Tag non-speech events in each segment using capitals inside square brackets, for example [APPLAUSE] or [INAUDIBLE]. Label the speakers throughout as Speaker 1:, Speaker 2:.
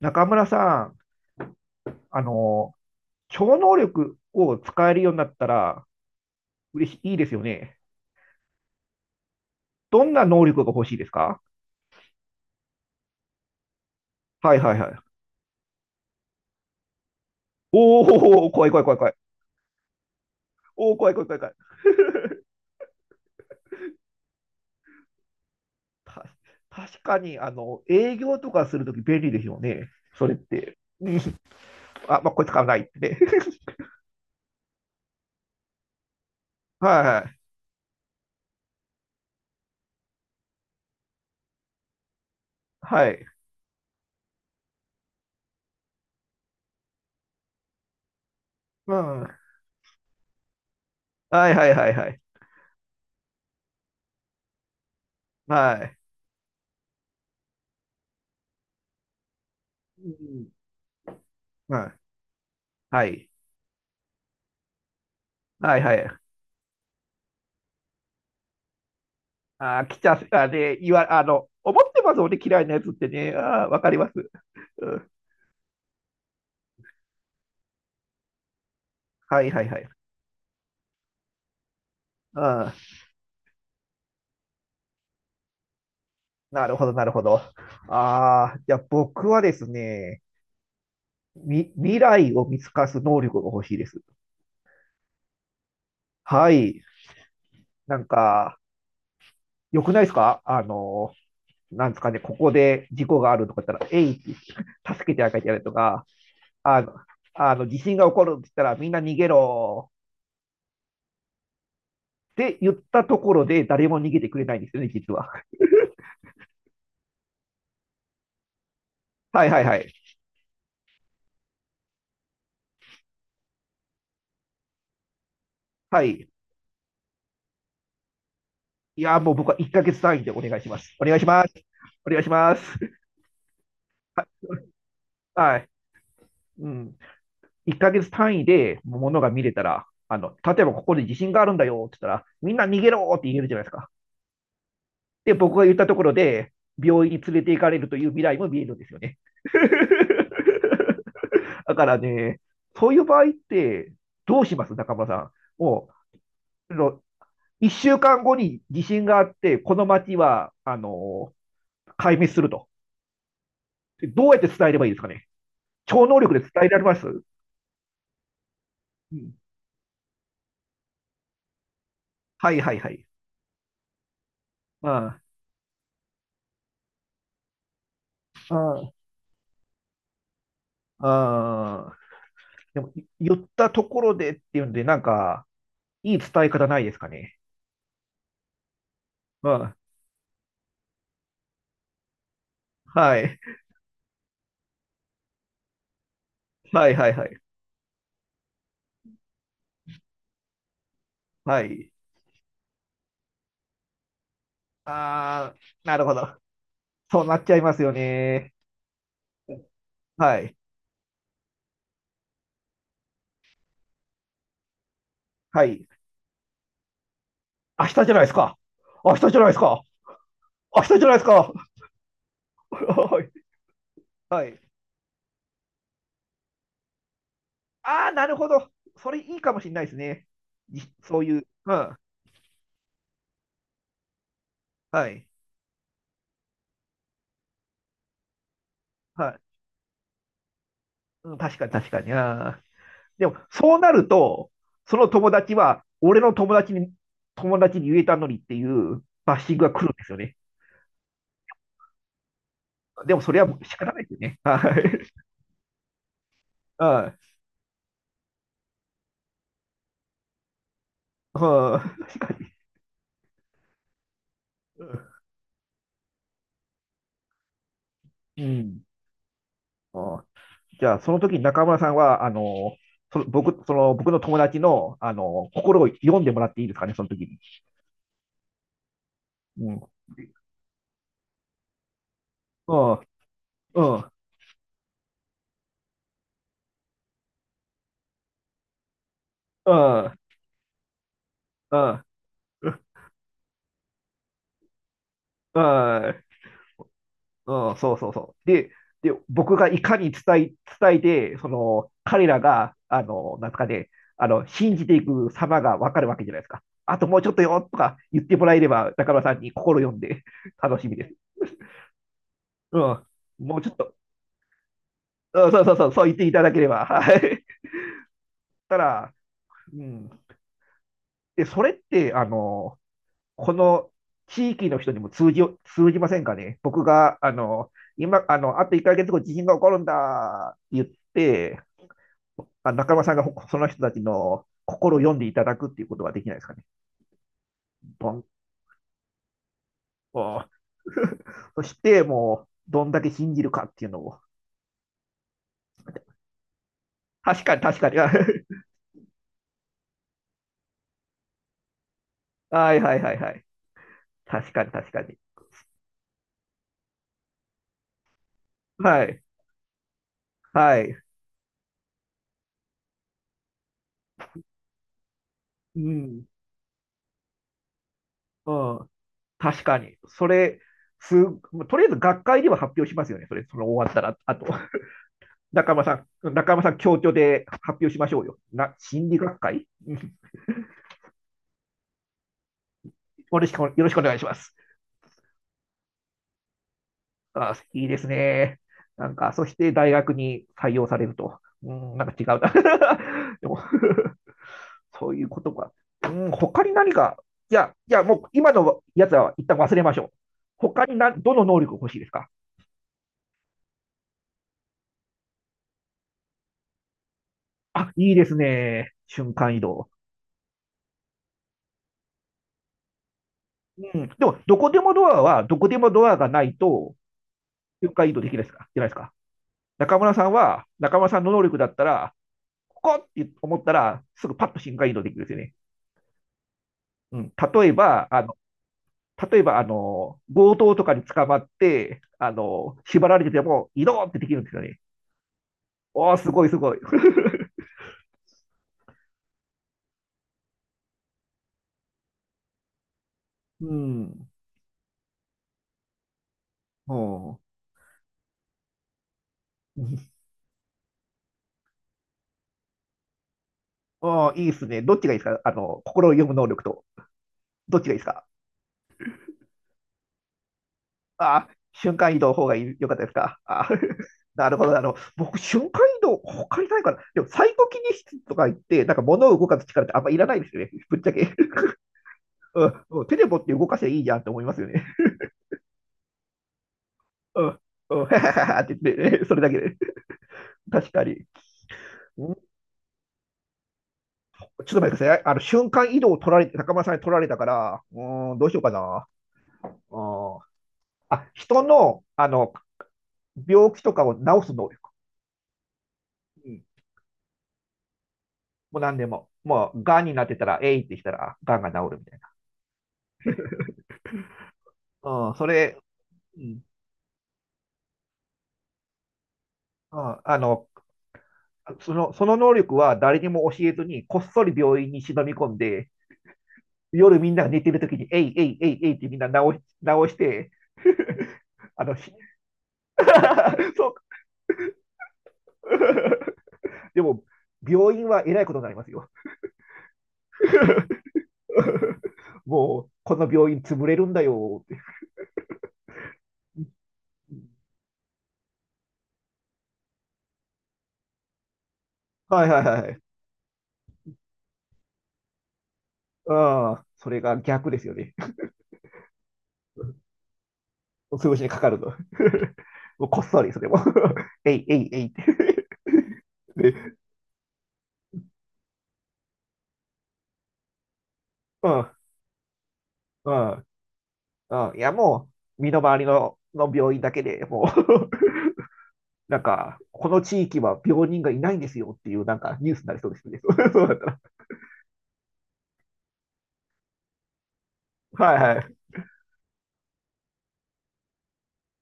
Speaker 1: 中村さん、あの、超能力を使えるようになったら嬉しい、いいですよね。どんな能力が欲しいですか？はいはいはい。おお、怖い怖い怖い怖い。おお、怖い怖い怖い怖い。た、確かに、営業とかするとき便利ですよね。それって。[LAUGHS] うん。あ、まあ、これ使わないってね。[LAUGHS] はいはい。はい。うん。はいはいはいはい。はい。うん。はい。はいはい。ああ来ちゃう、あ、で、思ってます、ね嫌いなやつってね。ああわかります。うん。はいはいはい。うん、なるほど、なるほど。ああ、じゃあ僕はですね、未来を見透かす能力が欲しいです。はい。なんか、良くないですか？なんですかね、ここで事故があるとか言ったら、えいって助けてあげてやるとか、あの、あの地震が起こるって言ったら、みんな逃げろって言ったところで、誰も逃げてくれないんですよね、実は。はいはいはい。はい。いや、もう僕は1ヶ月単位でお願いします。お願いします。お願いします。[LAUGHS] はい。うん。1ヶ月単位でものが見れたら、例えばここで地震があるんだよって言ったら、みんな逃げろって言えるじゃないですか。で、僕が言ったところで、病院に連れて行かれるという未来も見えるんですよね。[LAUGHS] だからね、そういう場合って、どうします中村さん？もう、1週間後に地震があって、この町は、壊滅すると。どうやって伝えればいいですかね？超能力で伝えられます？うん。はいはいはい。ああ、ああ、ああ。でも、言ったところでっていうんで、なんか、いい伝え方ないですかね？うん。はい。はいはいはい。はい。ああ、なるほど。そうなっちゃいますよね。はい。はい。明日じゃないですか。明日じゃないですか。明日じゃないですか。はい。はい。ああ、なるほど。それいいかもしれないですね。そういう。うん。はい。はい。うん、確かに確かに。ああ。でも、そうなると、その友達は、俺の友達に、友達に言えたのにっていうバッシングが来るんですよね。でも、それはもう仕方ないですよね。はい。[LAUGHS] うん、確かに。うん。ああ。じゃあ、その時に中村さんは、その僕の友達の、心を読んでもらっていいですかね、その時に。うん。うん。うん。うん。うん。うんうん、そうそうそう。で、僕がいかに伝えて、その、彼らが、なんすかね、信じていく様がわかるわけじゃないですか。あともうちょっとよとか言ってもらえれば、中村さんに心読んで楽しみです。うん。もうちょっと、うん、そうそうそう、そう言っていただければ。はい。たら、うん。で、それって、この地域の人にも通じませんかね。僕が、今、あと1ヶ月後、地震が起こるんだって言って、あ、中村さんがその人たちの心を読んでいただくっていうことはできないですかね？ポンと。そして、もう、どんだけ信じるかっていうのを。確かに、確かに。[LAUGHS] はいはいはいはい。確かに、確かに。はい、はい。うん、うん。確かに。それ、す、とりあえず学会では発表しますよね。それ、その終わったら、あと。中山さん、中山さん、協調で発表しましょうよ。心理学会。うん。よろしくよろしくお願いします。あ、好きですね。なんか、そして大学に採用されると。うん、なんか違うな。[LAUGHS] でも。 [LAUGHS] そういうことか。うん、他に何か、いや、いや、もう今のやつは一旦忘れましょう。他にどの能力が欲しいですか？あ、いいですね。瞬間移動。うん。でも、どこでもドアは、どこでもドアがないと、瞬間移動できないですかじゃないですか。中村さんの能力だったら、ここって思ったら、すぐパッと瞬間移動できるんですよね。うん。例えば、強盗とかに捕まって、縛られてても、移動ってできるんですよね。おー、すごいすごい。[LAUGHS] うん。おー。おー、いいですね。どっちがいいですか？あの、心を読む能力と。どっちがいいですか？あー、瞬間移動の方が良かったですか？あー。 [LAUGHS] なるほど。僕、瞬間移動、他にないから。でも、サイコキネシスとか言って、なんか物を動かす力ってあんまいらないですよね。ぶっちゃけ。[LAUGHS] うんうん、手で持って動かせばいいじゃんって思いますよね。うん、うん、[LAUGHS] って言って、ね、それだけで。確かに。うん。ちょっと待ってください。瞬間移動を取られて、高村さんに取られたから、うーん、どうしようかな。うん。あ、人の、病気とかを治す能力。うん。もう何でも。もう、癌になってたら、えいってしたら、癌が治るみたいな。うん、それ、うん、うん。その能力は誰にも教えずに、こっそり病院に忍び込んで、夜みんなが寝てるときに、えいえいえいえいってみんな治して、あの、し [LAUGHS] そう。[LAUGHS] でも、病院はえらいことになりますよ。[LAUGHS] もう、この病院潰れるんだよって。はいはいはい。うん。それが逆ですよね。[LAUGHS] 潰しにかかるの。[LAUGHS] もうこっそり、それも。[LAUGHS] えいえいえいって。 [LAUGHS]。で、うん、うん、うん。いや、もう、身の回りの病院だけでもう。 [LAUGHS] なんか、この地域は病人がいないんですよっていう、なんか、ニュースになりそうですね。[LAUGHS] そうだったら。はいはい。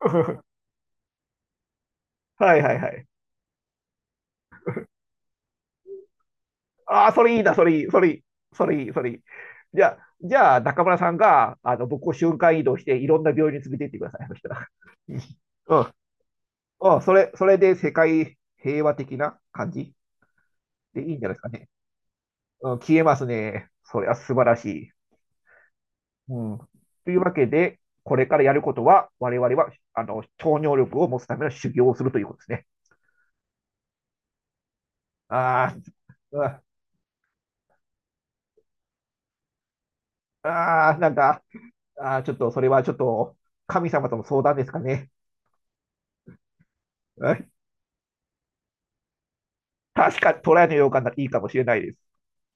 Speaker 1: [LAUGHS] はいはいはい。ああ、それいいな、それいい、それいい、それいい、それいい。じゃあ、じゃあ、中村さんが、僕を瞬間移動して、いろんな病院に連れて行ってください。そしたら。[LAUGHS] うん。うん、それで世界平和的な感じでいいんじゃないですかね。うん、消えますね。それは素晴らしい。うん。というわけで、これからやることは、我々は、超能力を持つための修行をするということですね。ああ、ああ、なんか、あ、ちょっと、それはちょっと、神様との相談ですかね。はい、確かにトライのようかないいかもしれないです。